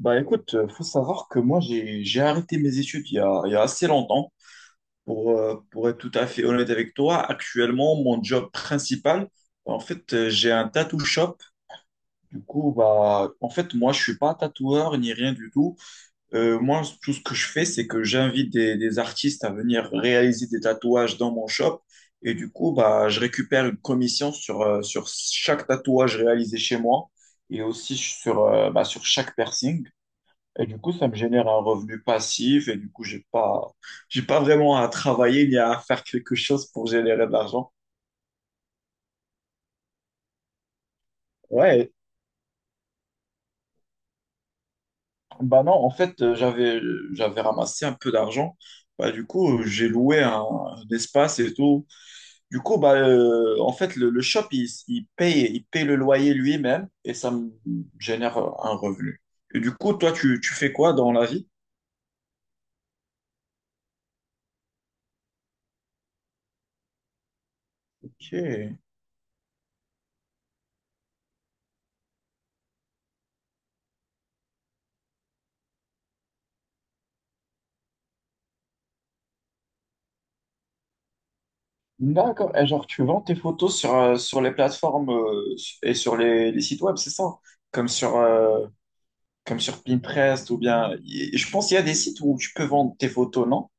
Bah écoute, faut savoir que moi j'ai arrêté mes études il y a assez longtemps. Pour être tout à fait honnête avec toi, actuellement mon job principal, en fait j'ai un tattoo shop. Du coup, bah en fait moi je suis pas tatoueur ni rien du tout. Moi tout ce que je fais c'est que j'invite des artistes à venir réaliser des tatouages dans mon shop. Et du coup, bah je récupère une commission sur chaque tatouage réalisé chez moi et aussi sur chaque piercing. Et du coup, ça me génère un revenu passif et du coup, j'ai pas vraiment à travailler ni à faire quelque chose pour générer de l'argent. Ouais, bah non, en fait, j'avais ramassé un peu d'argent. Bah, du coup, j'ai loué un espace et tout. Du coup, bah, en fait, le shop, il paye le loyer lui-même et ça me génère un revenu. Et du coup, toi, tu fais quoi dans la vie? Ok. D'accord. Et genre, tu vends tes photos sur les plateformes et sur les sites web, c'est ça? Hein? Comme comme sur Pinterest ou bien. Je pense qu'il y a des sites où tu peux vendre tes photos, non?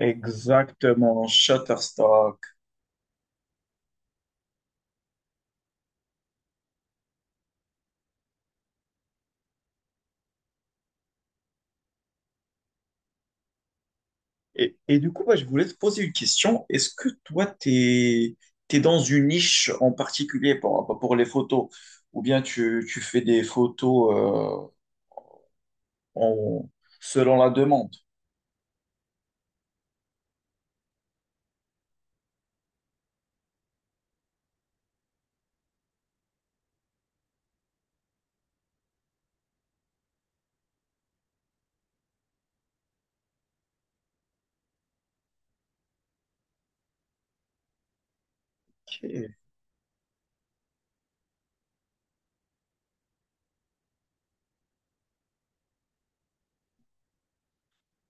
Exactement, Shutterstock. Et du coup, bah, je voulais te poser une question. Est-ce que toi, t'es dans une niche en particulier pour, bah, pour les photos, ou bien tu, tu fais des photos en, selon la demande? Ok.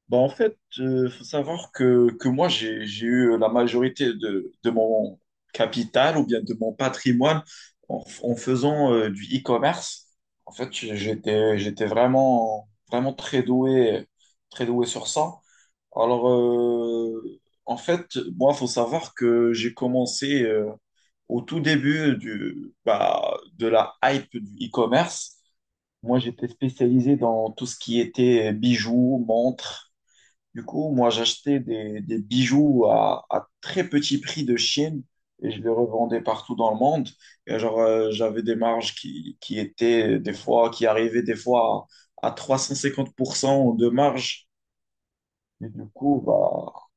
Bah, en fait, il faut savoir que moi, j'ai eu la majorité de mon capital ou bien de mon patrimoine en, en faisant du e-commerce. En fait, j'étais vraiment, vraiment très doué sur ça. Alors, en fait, moi, faut savoir que j'ai commencé au tout début du, bah, de la hype du e-commerce. Moi, j'étais spécialisé dans tout ce qui était bijoux, montres. Du coup, moi, j'achetais des bijoux à très petit prix de Chine et je les revendais partout dans le monde. Et genre, j'avais des marges qui étaient des fois, qui arrivaient des fois à 350% de marge. Et du coup, bah,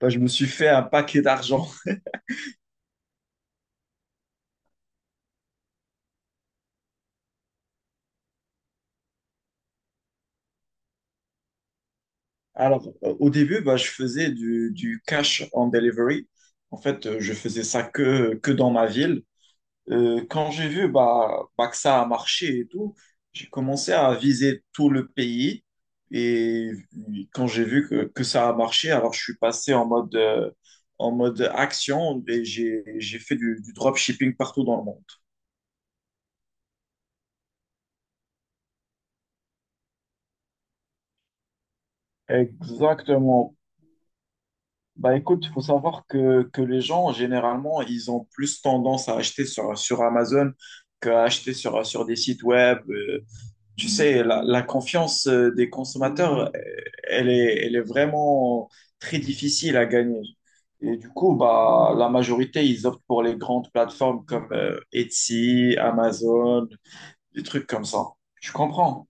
bah, je me suis fait un paquet d'argent. Alors, au début, bah, je faisais du cash on delivery. En fait, je faisais ça que dans ma ville. Quand j'ai vu bah, bah, que ça a marché et tout, j'ai commencé à viser tout le pays. Et quand j'ai vu que ça a marché, alors je suis passé en mode action et j'ai fait du dropshipping partout dans le monde. Exactement. Bah écoute, il faut savoir que les gens, généralement, ils ont plus tendance à acheter sur Amazon qu'à acheter sur des sites web. Tu sais, la confiance des consommateurs, elle est vraiment très difficile à gagner. Et du coup, bah, la majorité, ils optent pour les grandes plateformes comme Etsy, Amazon, des trucs comme ça. Tu comprends?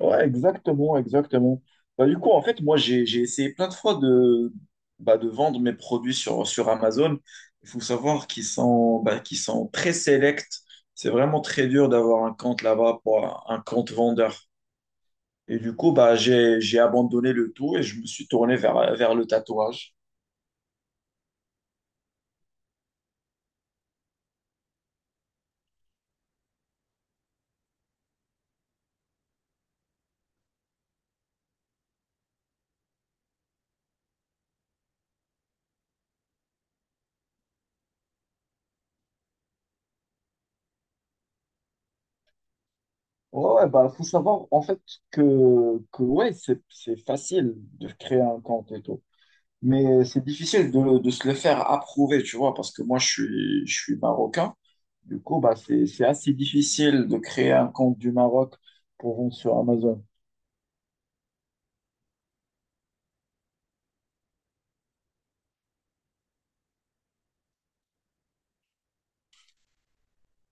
Ouais, exactement, exactement. Bah, du coup, en fait, moi, j'ai essayé plein de fois de, bah, de vendre mes produits sur Amazon. Il faut savoir qu'ils sont, bah, qu'ils sont très sélects. C'est vraiment très dur d'avoir un compte là-bas pour un compte vendeur. Et du coup, bah, j'ai abandonné le tout et je me suis tourné vers le tatouage. Ouais, ouais, bah, faut savoir en fait que ouais, c'est facile de créer un compte et tout. Mais c'est difficile de se le faire approuver, tu vois, parce que moi, je suis marocain. Du coup, bah, c'est assez difficile de créer un compte du Maroc pour vendre sur Amazon.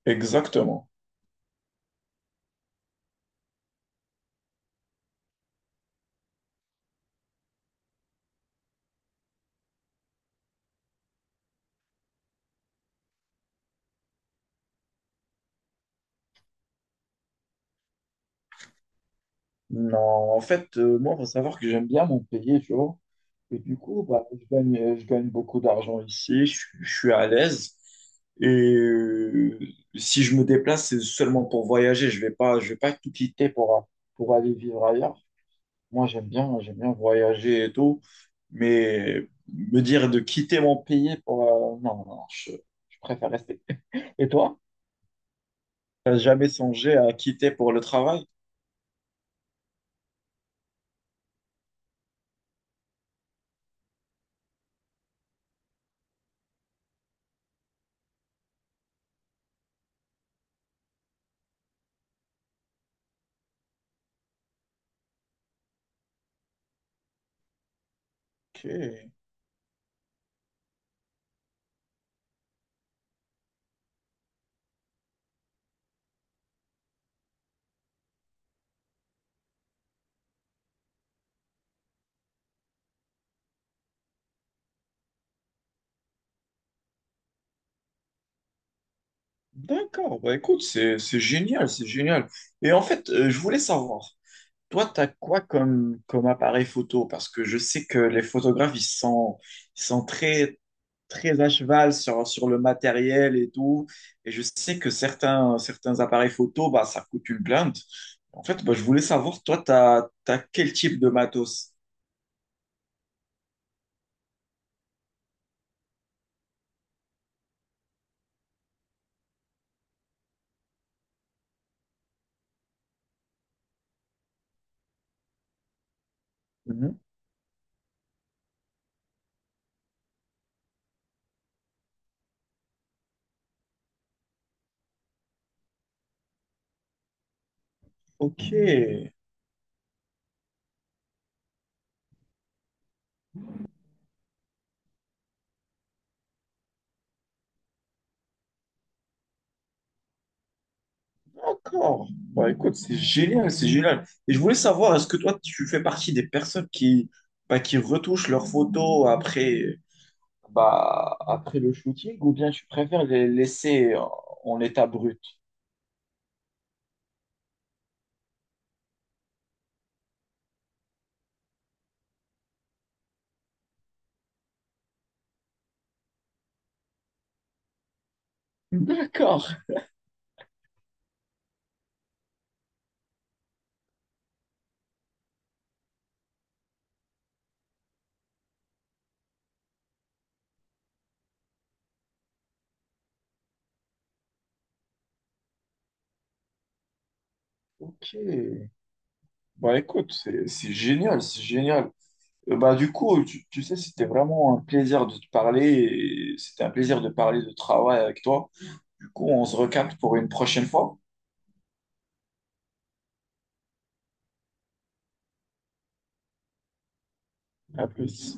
Exactement. Non, en fait, moi, il faut savoir que j'aime bien mon pays, tu vois. Et du coup, bah, je gagne beaucoup d'argent ici, je suis à l'aise. Et euh, si je me déplace, c'est seulement pour voyager. Je vais pas tout quitter pour aller vivre ailleurs. Moi, j'aime bien voyager et tout, mais me dire de quitter mon pays pour non, non, je préfère rester. Et toi, t'as jamais songé à quitter pour le travail? Ok, d'accord. Bah écoute, c'est génial, c'est génial. Et en fait, je voulais savoir, toi, t'as quoi comme, comme appareil photo? Parce que je sais que les photographes, ils sont très, très à cheval sur le matériel et tout. Et je sais que certains, certains appareils photo, bah, ça coûte une blinde. En fait, bah, je voulais savoir, toi, t'as quel type de matos? Mhm. Ok, d'accord. Bah, écoute, c'est génial, c'est génial. Et je voulais savoir, est-ce que toi, tu fais partie des personnes qui, bah, qui retouchent leurs photos après, bah, après le shooting, ou bien tu préfères les laisser en en état brut? D'accord. Ok. Bah écoute, c'est génial, c'est génial. Bah du coup, tu sais, c'était vraiment un plaisir de te parler et c'était un plaisir de parler de travail avec toi. Du coup, on se recapte pour une prochaine fois. À plus.